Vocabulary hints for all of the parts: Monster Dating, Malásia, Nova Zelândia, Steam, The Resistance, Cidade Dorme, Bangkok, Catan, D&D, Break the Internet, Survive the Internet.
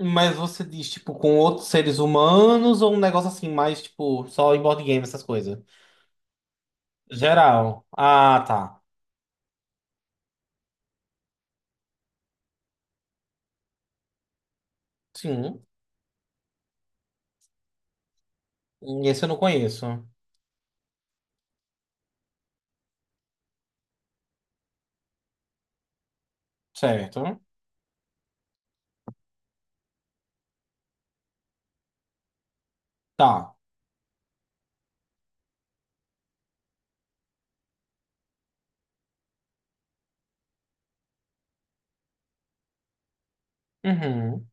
Mas você diz, tipo, com outros seres humanos ou um negócio assim, mais, tipo, só em board game, essas coisas? Geral. Ah, tá. Sim. Esse eu não conheço. Certo. Tá. Uhum.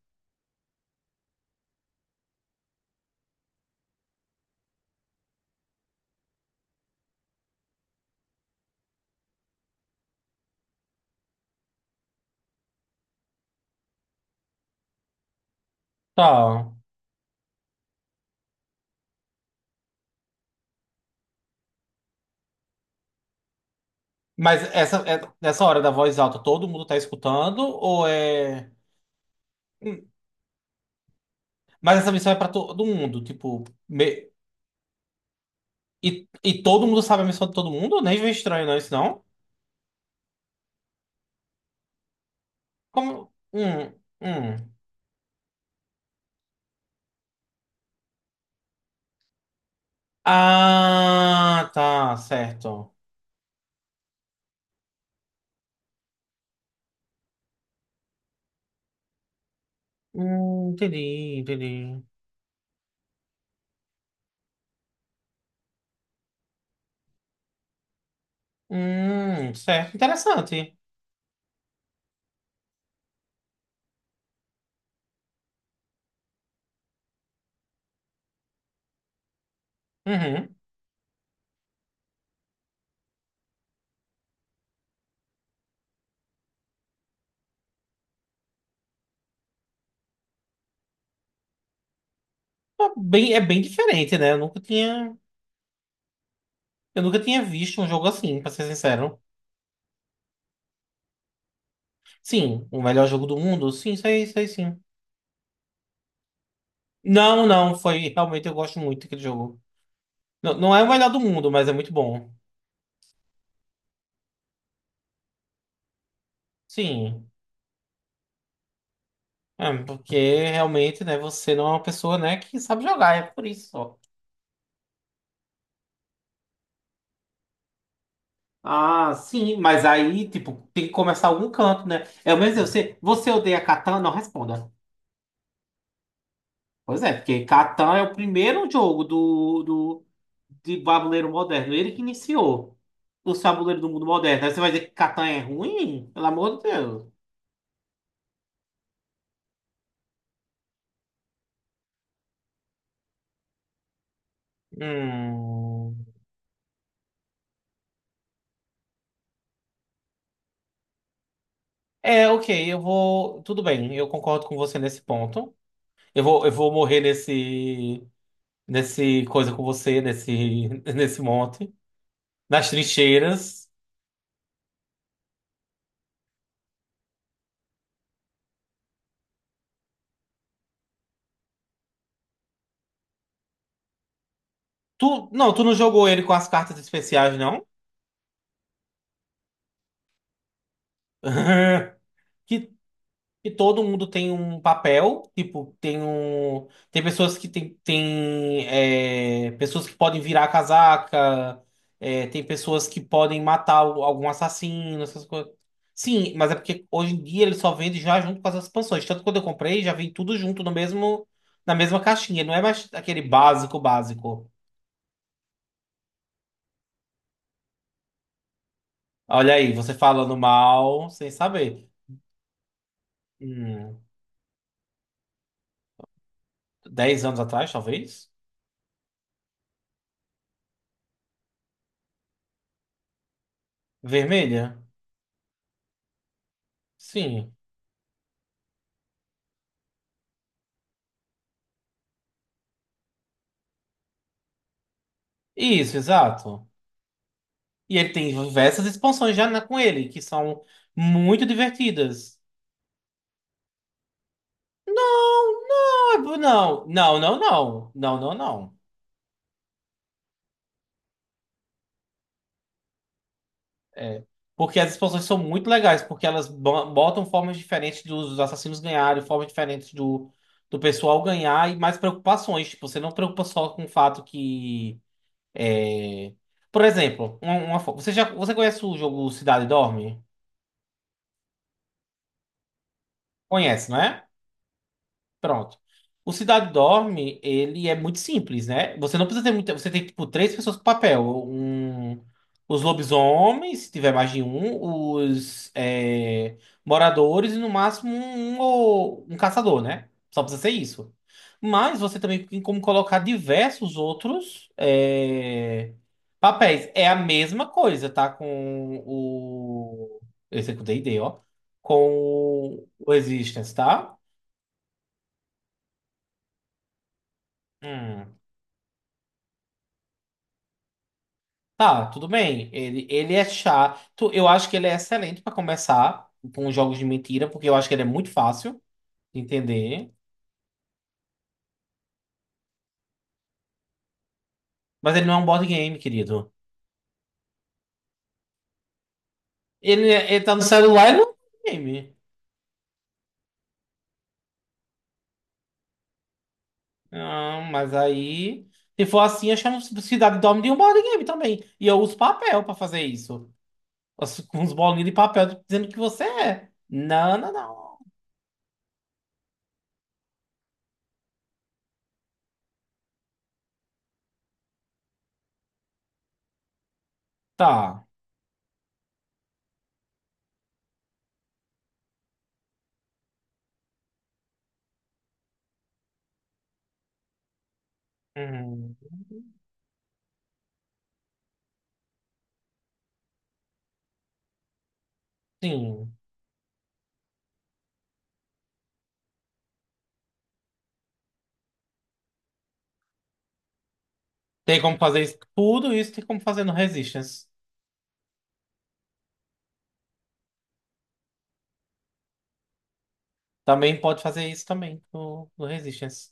Tá. Mas essa hora da voz alta, todo mundo tá escutando? Ou é. Hum. Mas essa missão é pra todo mundo, tipo. E todo mundo sabe a missão de todo mundo? Nem vem estranho, não, isso não? Como. Hum. Ah, tá, certo. Entendi, entendi. Certo, interessante. Uhum. É bem diferente, né? Eu nunca tinha visto um jogo assim, pra ser sincero. Sim, o melhor jogo do mundo? Sim, sei, sei, sim. Não, não, foi, realmente eu gosto muito daquele jogo. Não, não é o melhor do mundo, mas é muito bom. Sim, é, porque realmente, né, você não é uma pessoa, né, que sabe jogar, é por isso só. Ah, sim, mas aí, tipo, tem que começar algum canto, né? É o mesmo, você odeia Catan? Não responda. Pois é, porque Catan é o primeiro jogo do, de tabuleiro moderno. Ele que iniciou os tabuleiros do mundo moderno. Aí você vai dizer que Catan é ruim? Pelo amor de Deus. Hum. É, ok, eu vou. Tudo bem, eu concordo com você nesse ponto. Eu vou morrer nesse coisa com você, nesse, nesse monte, nas trincheiras. Tu não jogou ele com as cartas especiais, não? Que E todo mundo tem um papel, tipo, tem um. Tem pessoas que tem é, pessoas que podem virar a casaca, é, tem pessoas que podem matar algum assassino, essas coisas. Sim, mas é porque hoje em dia ele só vende já junto com as expansões. Tanto que quando eu comprei, já vem tudo junto no mesmo, na mesma caixinha. Não é mais aquele básico básico. Olha aí, você falando mal sem saber. Hum, 10 anos atrás, talvez? Vermelha? Sim. Isso, exato. E ele tem diversas expansões com ele, que são muito divertidas. Não, não, não, não, não, não, não, não, não. É, porque as expansões são muito legais, porque elas botam formas diferentes dos assassinos ganharem, formas diferentes do pessoal ganhar e mais preocupações. Tipo, você não preocupa só com o fato que. é, Por exemplo, uma fo- você já você conhece o jogo Cidade Dorme? Conhece, não é? Pronto. O Cidade Dorme, ele é muito simples, né? Você não precisa ter muita. Você tem, tipo, três pessoas com papel. Um, os lobisomens, se tiver mais de um, os moradores e no máximo um, um caçador, né? Só precisa ser isso. Mas você também tem como colocar diversos outros papéis. É a mesma coisa, tá? Com o. Esse aqui é o D&D, ó. Com o Resistance, tá? Hum. Tá, tudo bem. Ele é chato. Eu acho que ele é excelente pra começar com os jogos de mentira, porque eu acho que ele é muito fácil de entender. Mas ele não é um board game, querido. Ele tá no celular, ele não é um board game. Não, mas aí, se for assim, eu chamo Cidade Dorme de um board game também. E eu uso papel pra fazer isso. Com uns bolinhos de papel dizendo que você é. Não, não, não. Tá. Uhum. Sim. Tem como fazer isso. Tudo isso tem como fazer no Resistance. Também pode fazer isso também no, Resistance.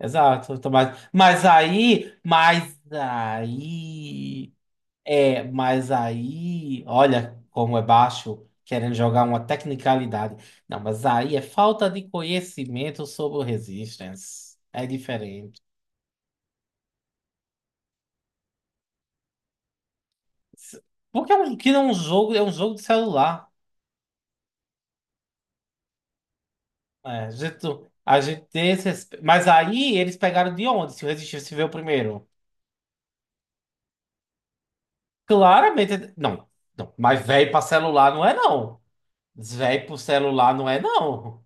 Exato. Então, mas aí, olha como é baixo, querendo jogar uma tecnicalidade. Não, mas aí é falta de conhecimento sobre o Resistance. É diferente. S- Porque que não é um jogo, é um jogo de celular. É, a gente tem esse, mas aí eles pegaram de onde? Se o Resistance veio primeiro? Claramente. Não, não. Mas velho pra celular não é, não. Velho pro celular não é, não.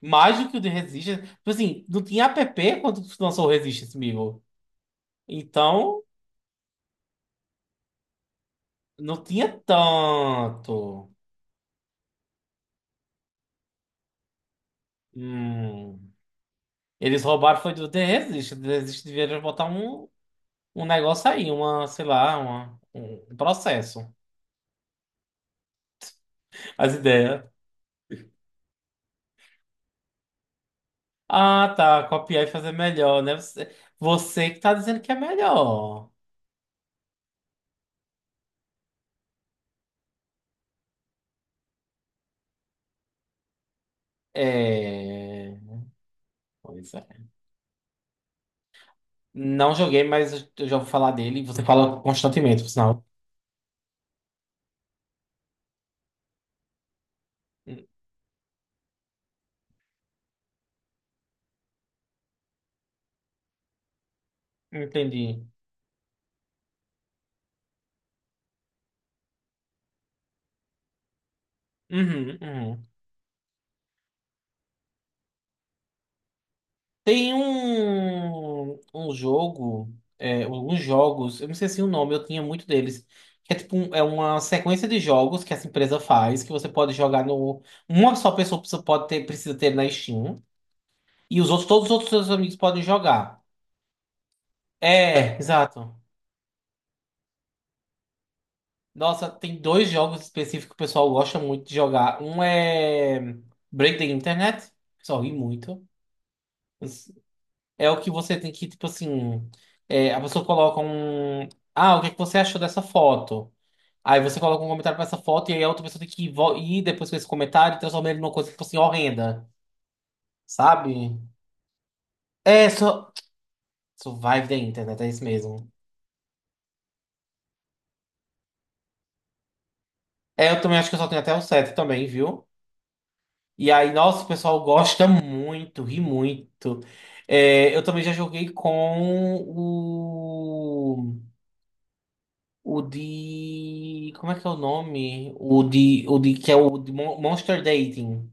Mais do que o de Resistance. Tipo assim, não tinha app quando lançou o Resistance, amigo. Então, não tinha tanto. Hum. Eles roubaram foi do The Resistance. The Resistance deveria botar um negócio aí, uma, sei lá, uma, um processo. As ideias. Ah, tá. Copiar e fazer melhor, né? Você que tá dizendo que é melhor. É. Pois é. Não joguei, mas eu já ouvi falar dele. Você fala constantemente, por sinal. Entendi. Uhum, uhum. Tem um jogo, alguns jogos, eu não sei se o nome, eu tinha muito deles. Que é tipo é uma sequência de jogos que essa empresa faz, que você pode jogar no. Uma só pessoa pode ter, precisa ter na Steam. E os outros, todos os outros seus amigos podem jogar. É, exato. Nossa, tem dois jogos específicos que o pessoal gosta muito de jogar. Um é Break the Internet, o pessoal ri muito. É o que você tem que, tipo assim, a pessoa coloca um. Ah, o que é que você achou dessa foto? Aí você coloca um comentário pra essa foto e aí a outra pessoa tem que ir depois com esse comentário e transformar ele numa coisa, tipo assim, horrenda, sabe? É, só. Survive the Internet, é isso mesmo. É, eu também acho que eu só tenho até o 7 também, viu? E aí, nossa, o pessoal gosta muito, ri muito. É, eu também já joguei com o. O de. Como é que é o nome? O de. O de que é o de Monster Dating.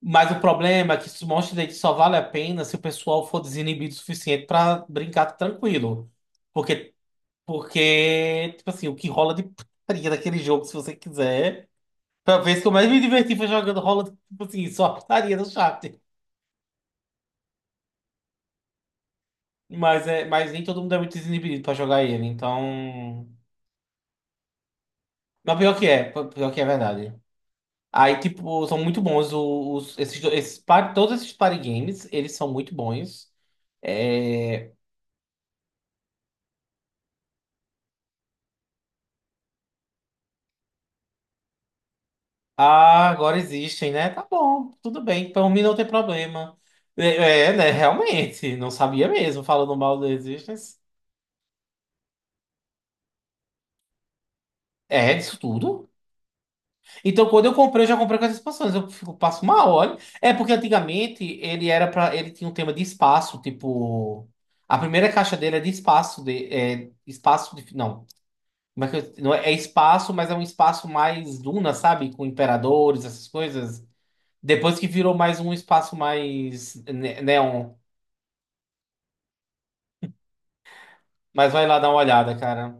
Mas o problema é que esse Monster Dating só vale a pena se o pessoal for desinibido o suficiente pra brincar tranquilo. Porque, porque, tipo assim, o que rola de putaria daquele jogo, se você quiser. Pra ver se eu mais me diverti foi jogando rola, tipo assim, só a putaria no chat. Mas nem todo mundo é muito desinibido pra jogar ele, então. Mas pior que é verdade. Aí, tipo, são muito bons todos esses party games, eles são muito bons. É, ah, agora existem, né? Tá bom, tudo bem, pra mim não tem problema. É, é, né? Realmente, não sabia mesmo, falando mal da existência. É, disso tudo. Então, quando eu comprei, eu já comprei com essas expansões. Eu fico, passo mal, olha. É porque antigamente ele era para, ele tinha um tema de espaço, tipo, a primeira caixa dele é de espaço, de, espaço de, não, como é que não é, é espaço, mas é um espaço mais duna, sabe, com imperadores, essas coisas. Depois que virou mais um espaço mais neon. Mas vai lá dar uma olhada, cara.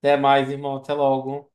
Até mais, irmão. Até logo.